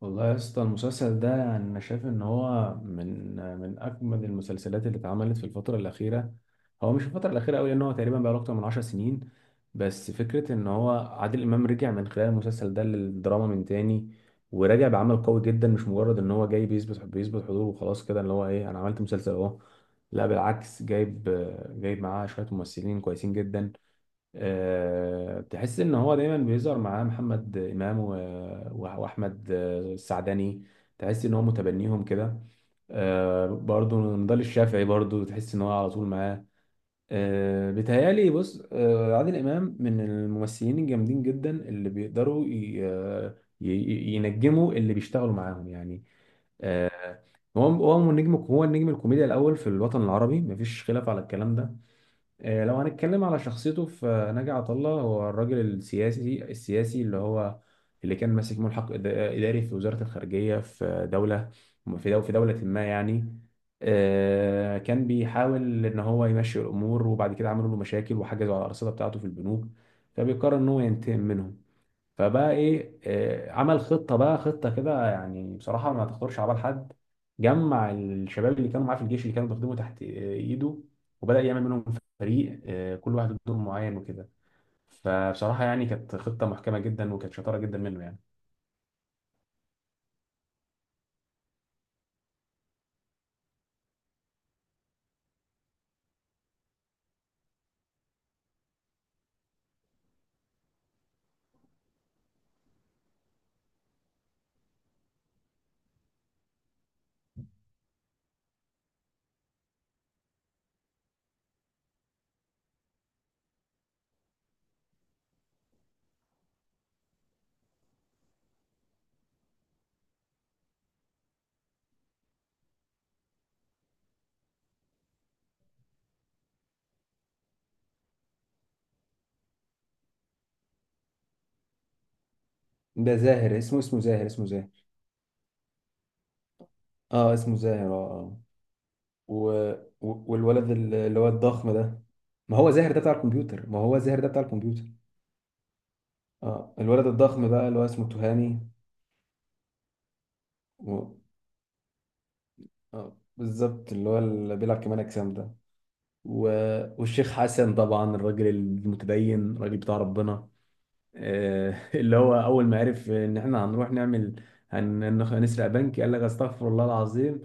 والله يا اسطى، المسلسل ده يعني انا شايف ان هو من اجمد المسلسلات اللي اتعملت في الفتره الاخيره. هو مش الفتره الاخيره قوي، لان هو تقريبا بقاله اكتر من 10 سنين. بس فكره ان هو عادل امام رجع من خلال المسلسل ده للدراما من تاني، ورجع بعمل قوي جدا، مش مجرد ان هو جاي بيثبت حضوره وخلاص كده، اللي هو ايه، انا عملت مسلسل اهو. لا، بالعكس، جايب معاه شويه ممثلين كويسين جدا. تحس ان هو دايما بيظهر معاه محمد امام واحمد السعدني. تحس ان هو متبنيهم كده. برضو نضال الشافعي، برضو تحس ان هو على طول معاه. بيتهيألي، بص، عادل امام من الممثلين الجامدين جدا اللي بيقدروا ينجموا اللي بيشتغلوا معاهم يعني. هو هو النجم الكوميديا الاول في الوطن العربي، مفيش خلاف على الكلام ده. لو هنتكلم على شخصيته، فناجي عطا الله هو الراجل السياسي، اللي هو اللي كان ماسك ملحق إداري في وزارة الخارجية، في دولة ما يعني. كان بيحاول إن هو يمشي الأمور، وبعد كده عملوا له مشاكل وحجزوا على الأرصدة بتاعته في البنوك، فبيقرر إن هو ينتقم منهم. فبقى ايه، عمل خطه بقى، خطه كده يعني بصراحه ما تخطرش على بال حد. جمع الشباب اللي كانوا معاه في الجيش، اللي كانوا بيخدموا تحت ايده، وبدا يعمل منهم فريق، كل واحد له دور معين وكده. فبصراحه يعني كانت خطه محكمه جدا، وكانت شطاره جدا منه يعني. ده زاهر، اسمه زاهر، اسمه زاهر. اه، اسمه زاهر، اه، اه. و... والولد اللي هو الضخم ده. ما هو زاهر ده بتاع الكمبيوتر، ما هو زاهر ده بتاع الكمبيوتر. اه، الولد الضخم بقى اللي هو اسمه تهامي. اه، بالظبط، اللي هو اللي بيلعب كمال اجسام ده. و... والشيخ حسن طبعا، الراجل المتدين، الراجل بتاع ربنا. اللي هو اول ما عرف ان احنا هنروح نعمل، هنسرق بنك، قال لك استغفر الله العظيم،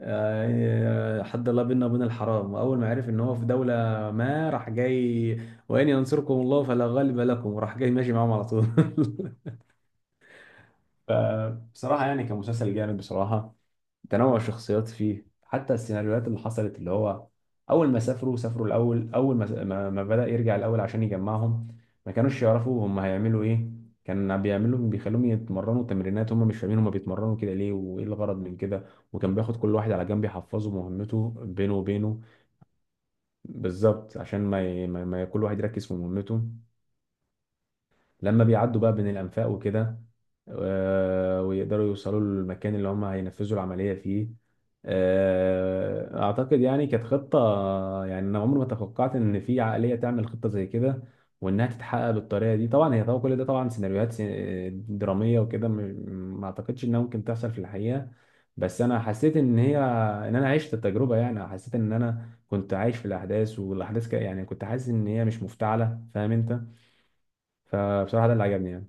حد الله بينا وبين الحرام. واول ما عرف ان هو في دوله ما، راح جاي وان ينصركم الله فلا غالب لكم، وراح جاي ماشي معاهم على طول فبصراحه يعني كان مسلسل جامد بصراحه. تنوع الشخصيات فيه، حتى السيناريوهات اللي حصلت اللي هو، اول ما سافروا الاول، اول ما بدأ يرجع الاول عشان يجمعهم، ما كانوش يعرفوا هم هيعملوا ايه. كان بيعملوا، بيخلوهم يتمرنوا تمرينات، هم مش فاهمين هم بيتمرنوا كده ليه وايه الغرض من كده. وكان بياخد كل واحد على جنب يحفظه مهمته بينه وبينه. بالظبط عشان ما, ي... ما ما كل واحد يركز في مهمته. لما بيعدوا بقى بين الأنفاق وكده، ويقدروا يوصلوا للمكان اللي هم هينفذوا العملية فيه. أعتقد يعني كانت خطة، يعني أنا عمري ما توقعت إن في عقلية تعمل خطة زي كده، وإنها تتحقق بالطريقة دي. طبعا هي طبعا كل ده طبعا سيناريوهات درامية وكده، ما أعتقدش إنها ممكن تحصل في الحقيقة. بس أنا حسيت إن هي، إن أنا عشت التجربة يعني، حسيت إن أنا كنت عايش في الأحداث والأحداث يعني كنت حاسس إن هي مش مفتعلة، فاهم أنت؟ فبصراحة ده اللي عجبني يعني.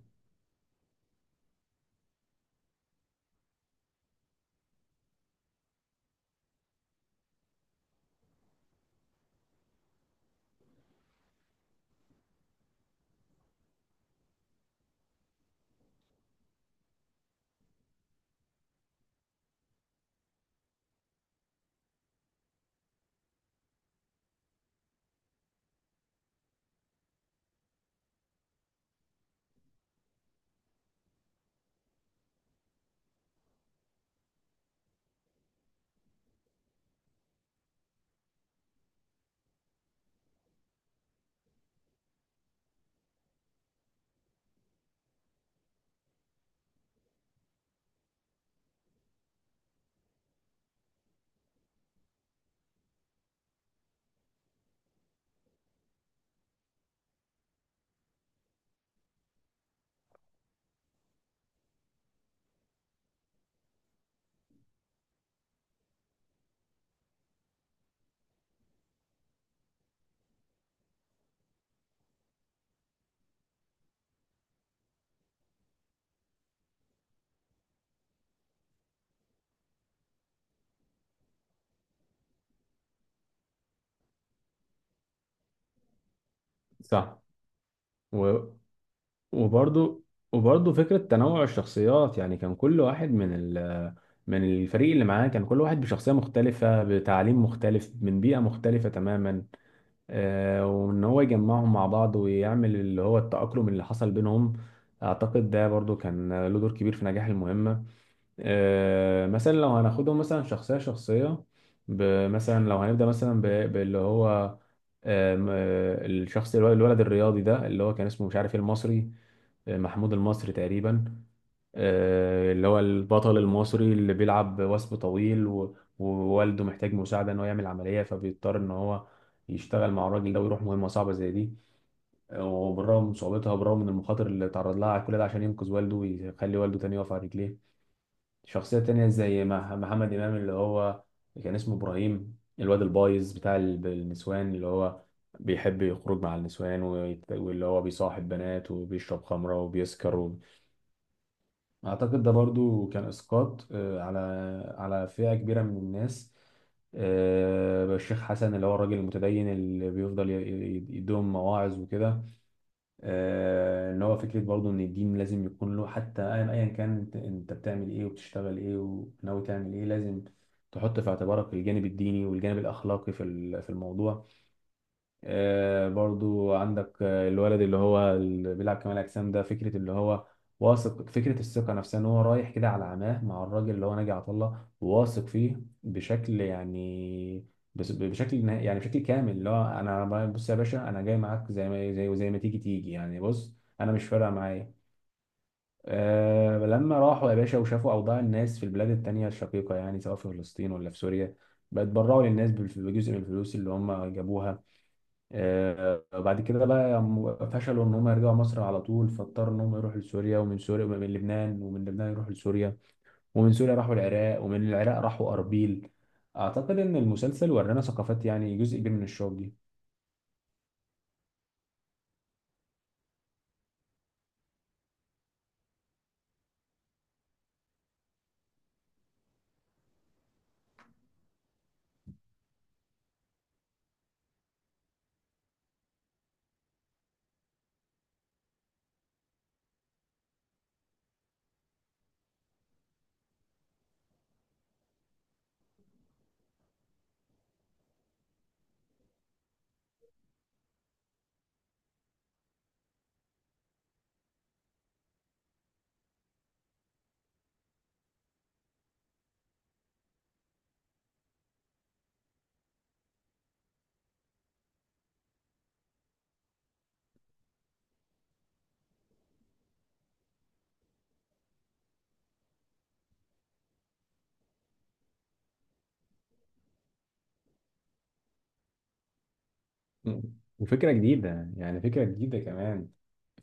صح. و... وبرضو وبرضو فكرة تنوع الشخصيات يعني، كان كل واحد من من الفريق اللي معاه، كان كل واحد بشخصية مختلفة، بتعليم مختلف، من بيئة مختلفة تماما. آه، وإن هو يجمعهم مع بعض ويعمل اللي هو التأقلم اللي حصل بينهم. أعتقد ده برضو كان له دور كبير في نجاح المهمة. مثلا لو هناخدهم مثلا شخصية، مثلا لو هنبدأ مثلا باللي هو، آم، آه، الشخص، الولد الرياضي ده اللي هو كان اسمه مش عارف إيه، المصري، محمود المصري تقريبا. اللي هو البطل المصري اللي بيلعب وثب طويل، ووالده محتاج مساعدة ان هو يعمل عملية، فبيضطر ان هو يشتغل مع الراجل ده ويروح مهمة صعبة زي دي. وبالرغم من صعوبتها وبالرغم من المخاطر اللي تعرض لها على كل ده، عشان ينقذ والده ويخلي والده تاني يقف على رجليه. شخصية تانية زي محمد إمام، اللي هو كان اسمه إبراهيم، الواد البايظ بتاع النسوان، اللي هو بيحب يخرج مع النسوان واللي هو بيصاحب بنات وبيشرب خمرة وبيسكر. أعتقد ده برضو كان إسقاط على فئة كبيرة من الناس. الشيخ حسن اللي هو الراجل المتدين، اللي بيفضل يديهم مواعظ وكده. ان هو فكره برضو ان الدين لازم يكون له حتى، ايا أياً كان، أنت بتعمل ايه وبتشتغل ايه وناوي تعمل ايه، لازم تحط في اعتبارك الجانب الديني والجانب الاخلاقي في في الموضوع. برضو عندك الولد اللي هو اللي بيلعب كمال اجسام ده، فكره اللي هو واثق، فكره الثقه نفسها ان هو رايح كده على عماه مع الراجل اللي هو ناجي عطا الله، وواثق فيه بشكل يعني، بس بشكل يعني بشكل كامل، اللي هو، بص يا باشا، انا جاي معاك زي ما زي وزي ما تيجي يعني، بص، انا مش فارقه معايا. أه، لما راحوا يا باشا وشافوا اوضاع الناس في البلاد التانية الشقيقه، يعني سواء في فلسطين ولا في سوريا، بقت بيتبرعوا للناس بجزء من الفلوس اللي هم جابوها. بعد كده بقى هم فشلوا ان هم يرجعوا مصر على طول، فاضطروا ان هم يروحوا لسوريا، ومن سوريا ومن لبنان، يروحوا لسوريا، ومن سوريا راحوا العراق، ومن العراق راحوا اربيل. اعتقد ان المسلسل ورانا ثقافات يعني جزء كبير من الشعوب دي. مم. وفكرة جديدة يعني، فكرة جديدة كمان.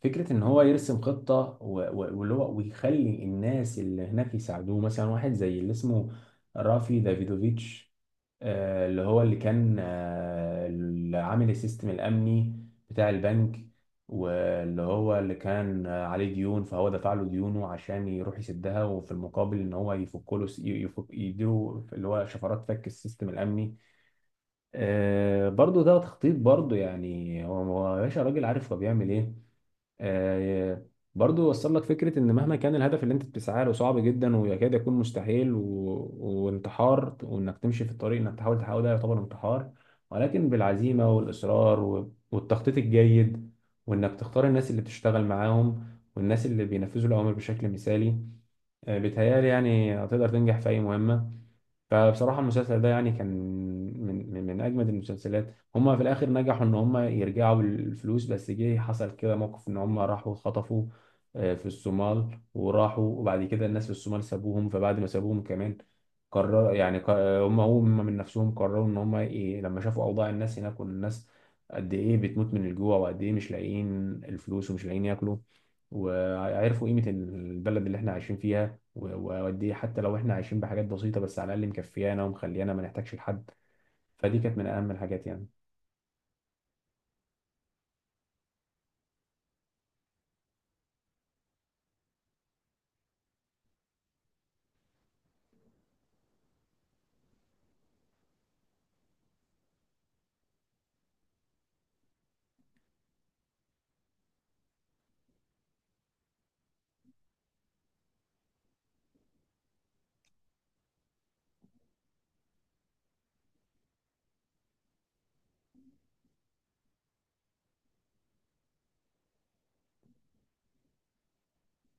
فكرة إن هو يرسم خطة، واللي هو ويخلي الناس اللي هناك يساعدوه، مثلا واحد زي اللي اسمه رافي دافيدوفيتش، اللي هو اللي كان، اللي عامل السيستم الأمني بتاع البنك، واللي هو اللي كان عليه ديون، فهو دفع له ديونه عشان يروح يسدها، وفي المقابل إن هو يفك له، س- يفك يديله اللي هو شفرات فك السيستم الأمني. برضو ده تخطيط برضو، يعني هو يا باشا راجل عارف هو بيعمل ايه. آه برضو وصل لك فكرة ان مهما كان الهدف اللي انت بتسعى له صعب جدا ويكاد يكون مستحيل، وانتحار، وانك تمشي في الطريق، انك تحاول ده يعتبر انتحار، ولكن بالعزيمة والاصرار والتخطيط الجيد، وانك تختار الناس اللي بتشتغل معاهم، والناس اللي بينفذوا الاوامر بشكل مثالي. بيتهيألي يعني هتقدر تنجح في اي مهمة. فبصراحة المسلسل ده يعني كان من أجمد المسلسلات. هما في الآخر نجحوا إن هما يرجعوا بالفلوس، بس جه حصل كده موقف إن هما راحوا خطفوا في الصومال، وراحوا وبعد كده الناس في الصومال سابوهم. فبعد ما سابوهم كمان، قرر يعني ق- هما من نفسهم قرروا إن هما إيه، لما شافوا أوضاع الناس هناك، والناس قد إيه بتموت من الجوع وقد إيه مش لاقيين الفلوس ومش لاقيين ياكلوا، وعرفوا قيمة البلد اللي إحنا عايشين فيها، واوديه، حتى لو احنا عايشين بحاجات بسيطه، بس على الاقل مكفيانا ومخليانا ما نحتاجش لحد. فدي كانت من اهم الحاجات يعني.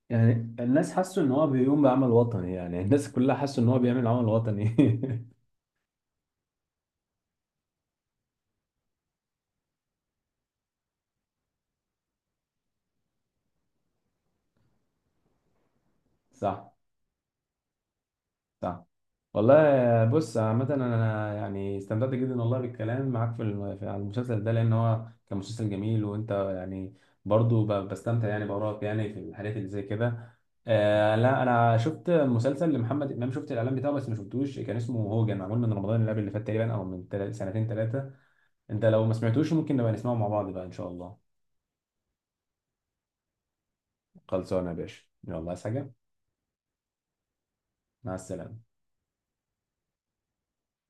يعني الناس حسوا ان هو بيقوم بعمل وطني، يعني الناس كلها حسوا ان هو بيعمل عمل وطني. صح. صح. والله. بص، عامة أنا يعني استمتعت جدا والله بالكلام معاك في على المسلسل ده، لأن هو كان مسلسل جميل، وأنت يعني برضو بستمتع يعني بأراك يعني في الحاجات اللي زي كده. آه لا، أنا شفت مسلسل لمحمد إمام، شفت الإعلان بتاعه بس ما شفتوش، كان اسمه هوجن، معمول من رمضان اللي قبل اللي فات تقريبا، أو من سنتين ثلاثة. أنت لو ما سمعتوش، ممكن نبقى نسمعه مع بعض بقى إن شاء الله. خلصانة يا باشا، يلا، عايز حاجة؟ مع السلامة.